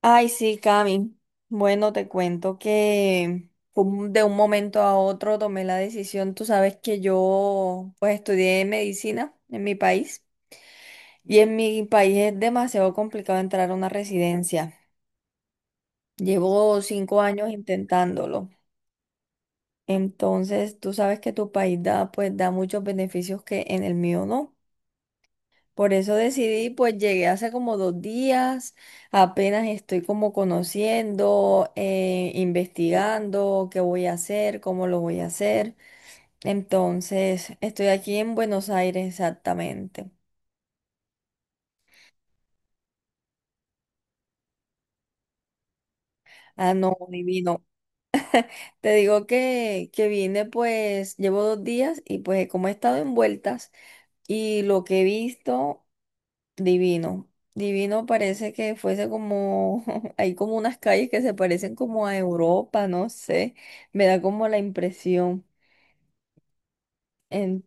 Ay, sí, Cami. Bueno, te cuento que fue de un momento a otro tomé la decisión. Tú sabes que yo pues estudié medicina en mi país y en mi país es demasiado complicado entrar a una residencia. Llevo 5 años intentándolo. Entonces, tú sabes que tu país da muchos beneficios que en el mío no. Por eso decidí, pues llegué hace como 2 días. Apenas estoy como conociendo, investigando qué voy a hacer, cómo lo voy a hacer. Entonces, estoy aquí en Buenos Aires exactamente. Ah, no, divino. Te digo que vine, pues llevo 2 días y pues como he estado envueltas y lo que he visto. Divino. Divino parece que fuese como, hay como unas calles que se parecen como a Europa, no sé, me da como la impresión. En...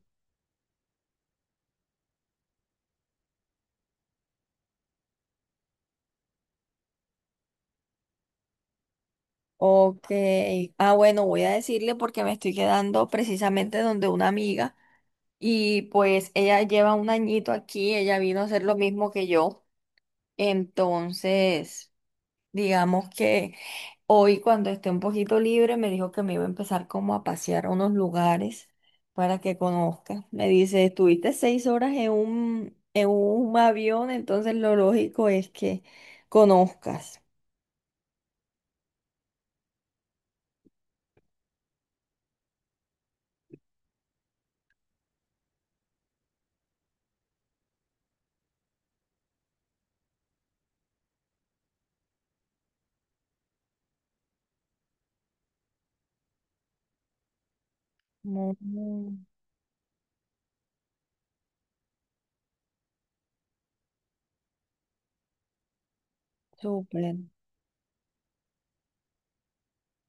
Ok. Ah, bueno, voy a decirle porque me estoy quedando precisamente donde una amiga y pues ella lleva un añito aquí, ella vino a hacer lo mismo que yo. Entonces. Digamos que hoy cuando esté un poquito libre me dijo que me iba a empezar como a pasear a unos lugares para que conozca. Me dice, estuviste 6 horas en un avión, entonces lo lógico es que conozcas. Mm, súper.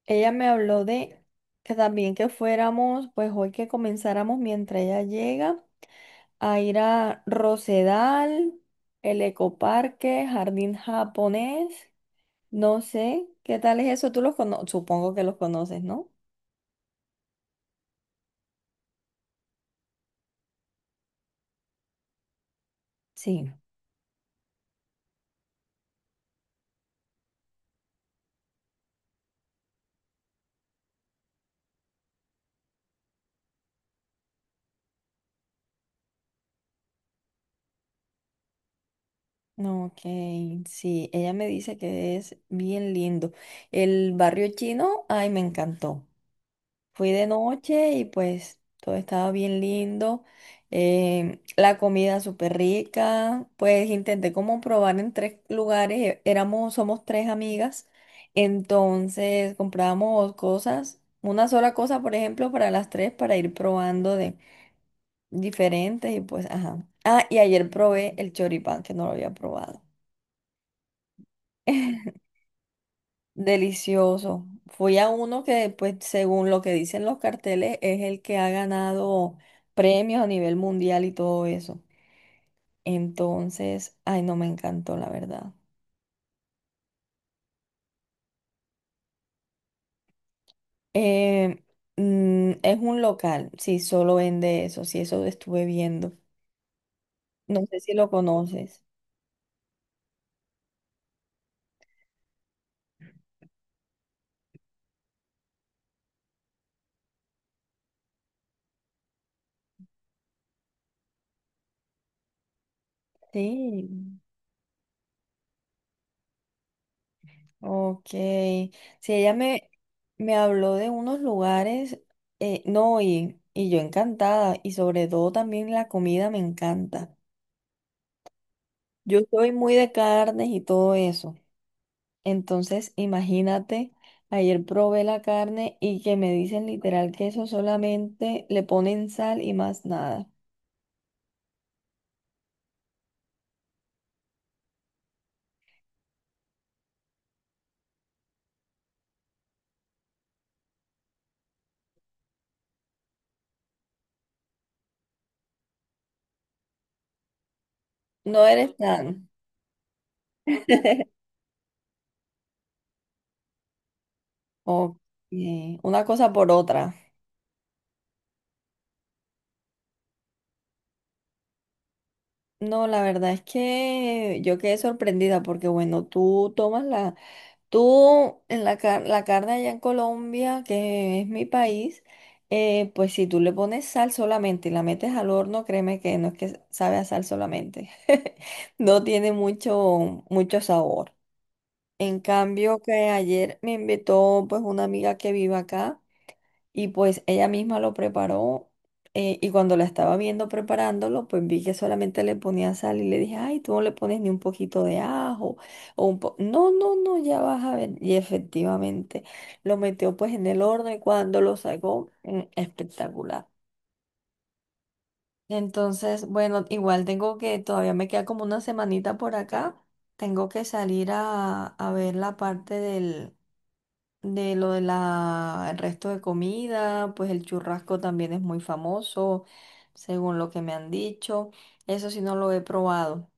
Ella me habló de que también que fuéramos, pues hoy que comenzáramos mientras ella llega, a ir a Rosedal, el Ecoparque, Jardín Japonés. No sé, ¿qué tal es eso? Tú los conoces, supongo que los conoces, ¿no? Sí. Ok, sí, ella me dice que es bien lindo. El barrio chino, ay, me encantó. Fui de noche y pues todo estaba bien lindo. La comida súper rica. Pues intenté como probar en tres lugares. Éramos, somos tres amigas. Entonces comprábamos cosas, una sola cosa, por ejemplo, para las tres, para ir probando de diferentes y pues, ajá. Ah, y ayer probé el choripán, que no lo había probado. Delicioso. Fui a uno que, pues, según lo que dicen los carteles, es el que ha ganado premios a nivel mundial y todo eso. Entonces, ay, no me encantó, la verdad. Eh, es un local, sí, solo vende eso, sí, eso estuve viendo. No sé si lo conoces. Sí, ok. Sí, ella me habló de unos lugares, no, y yo encantada, y sobre todo también la comida me encanta. Yo soy muy de carnes y todo eso. Entonces, imagínate, ayer probé la carne y que me dicen literal que eso solamente le ponen sal y más nada. No eres tan. Ok, una cosa por otra. No, la verdad es que yo quedé sorprendida porque, bueno, tú tomas la Tú, en la, car- la carne allá en Colombia, que es mi país, pues si tú le pones sal solamente y la metes al horno, créeme que no es que sabe a sal solamente. No tiene mucho, mucho sabor. En cambio, que ayer me invitó pues una amiga que vive acá. Y pues ella misma lo preparó, y cuando la estaba viendo preparándolo, pues vi que solamente le ponía sal y le dije, ay, tú no le pones ni un poquito de ajo o un po no, no, no, ya vas a ver. Y efectivamente lo metió pues en el horno y cuando lo sacó, espectacular. Entonces, bueno, igual tengo que, todavía me queda como una semanita por acá, tengo que salir a ver la parte del de lo de la, el resto de comida, pues el churrasco también es muy famoso, según lo que me han dicho. Eso sí no lo he probado,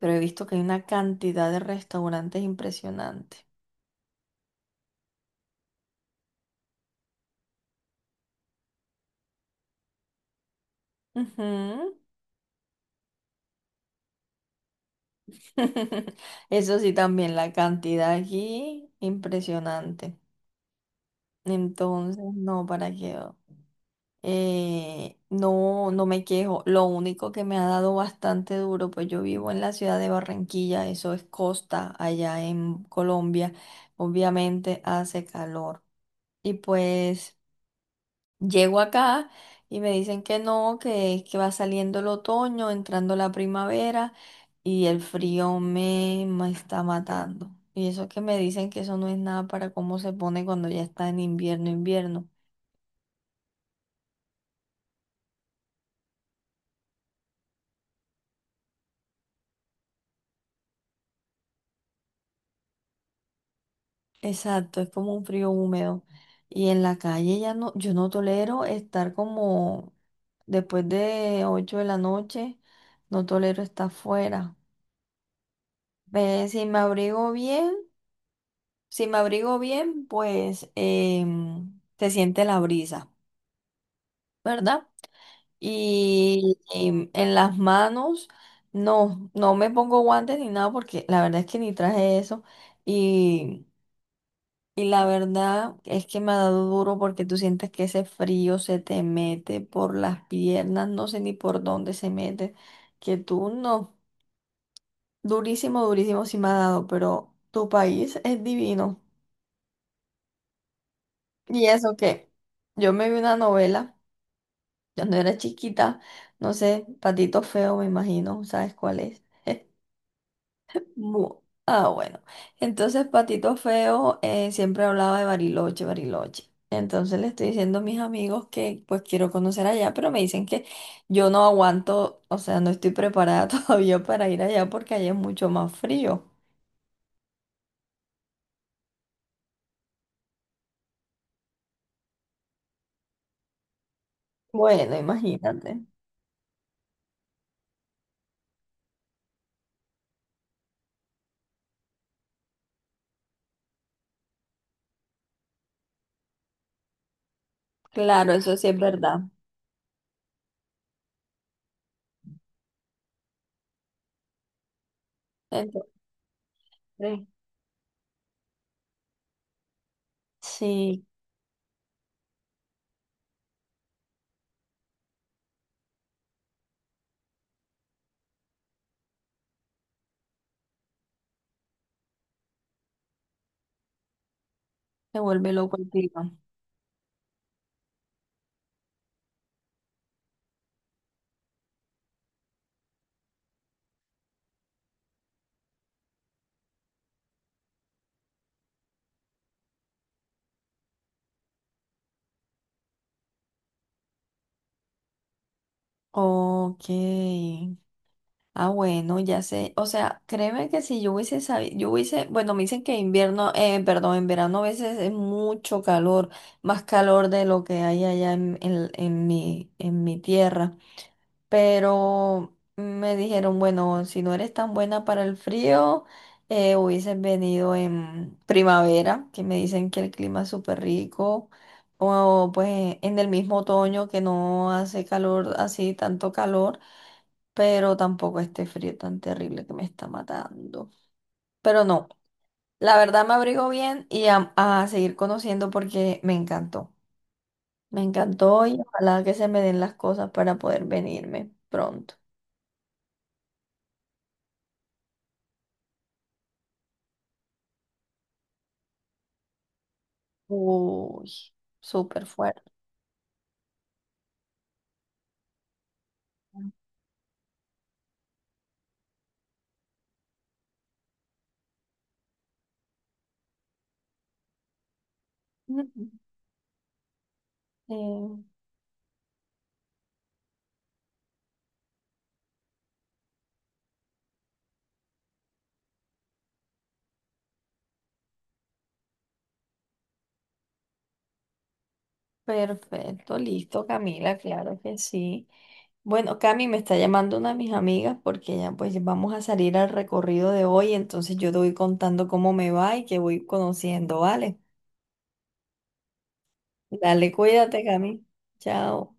pero he visto que hay una cantidad de restaurantes impresionante. Ujú. Eso sí también, la cantidad aquí impresionante. Entonces, no, ¿para qué? No, no me quejo. Lo único que me ha dado bastante duro, pues yo vivo en la ciudad de Barranquilla, eso es costa allá en Colombia. Obviamente hace calor. Y pues llego acá y me dicen que no, que va saliendo el otoño, entrando la primavera y el frío me está matando. Y eso que me dicen que eso no es nada para cómo se pone cuando ya está en invierno, invierno. Exacto, es como un frío húmedo. Y en la calle ya no, yo no tolero estar como después de 8 de la noche, no tolero estar afuera. Ve, si me abrigo bien, si me abrigo bien, pues se siente la brisa, ¿verdad? Y en las manos, no, no me pongo guantes ni nada porque la verdad es que ni traje eso. Y la verdad es que me ha dado duro porque tú sientes que ese frío se te mete por las piernas, no sé ni por dónde se mete, que tú no, durísimo, durísimo sí me ha dado, pero tu país es divino. Y eso que yo me vi una novela cuando era chiquita, no sé, Patito Feo me imagino, ¿sabes cuál es? Ah, bueno. Entonces, Patito Feo, siempre hablaba de Bariloche, Bariloche. Entonces le estoy diciendo a mis amigos que pues quiero conocer allá, pero me dicen que yo no aguanto, o sea, no estoy preparada todavía para ir allá porque allá es mucho más frío. Bueno, imagínate. Claro, eso sí es verdad. Entonces, sí, se vuelve loco el clima. Ok. Ah, bueno, ya sé. O sea, créeme que si yo hubiese sabido, yo hubiese, bueno, me dicen que invierno, perdón, en verano a veces es mucho calor, más calor de lo que hay allá en mi tierra. Pero me dijeron, bueno, si no eres tan buena para el frío, hubieses venido en primavera, que me dicen que el clima es súper rico. O pues en el mismo otoño que no hace calor así, tanto calor pero tampoco este frío tan terrible que me está matando. Pero no, la verdad me abrigo bien y a seguir conociendo porque me encantó. Me encantó y ojalá que se me den las cosas para poder venirme pronto. Uy, súper fuerte. Ujú. Eh, Perfecto, listo, Camila, claro que sí. Bueno, Cami me está llamando una de mis amigas porque ya pues vamos a salir al recorrido de hoy, entonces yo te voy contando cómo me va y que voy conociendo, ¿vale? Dale, cuídate, Cami. Chao.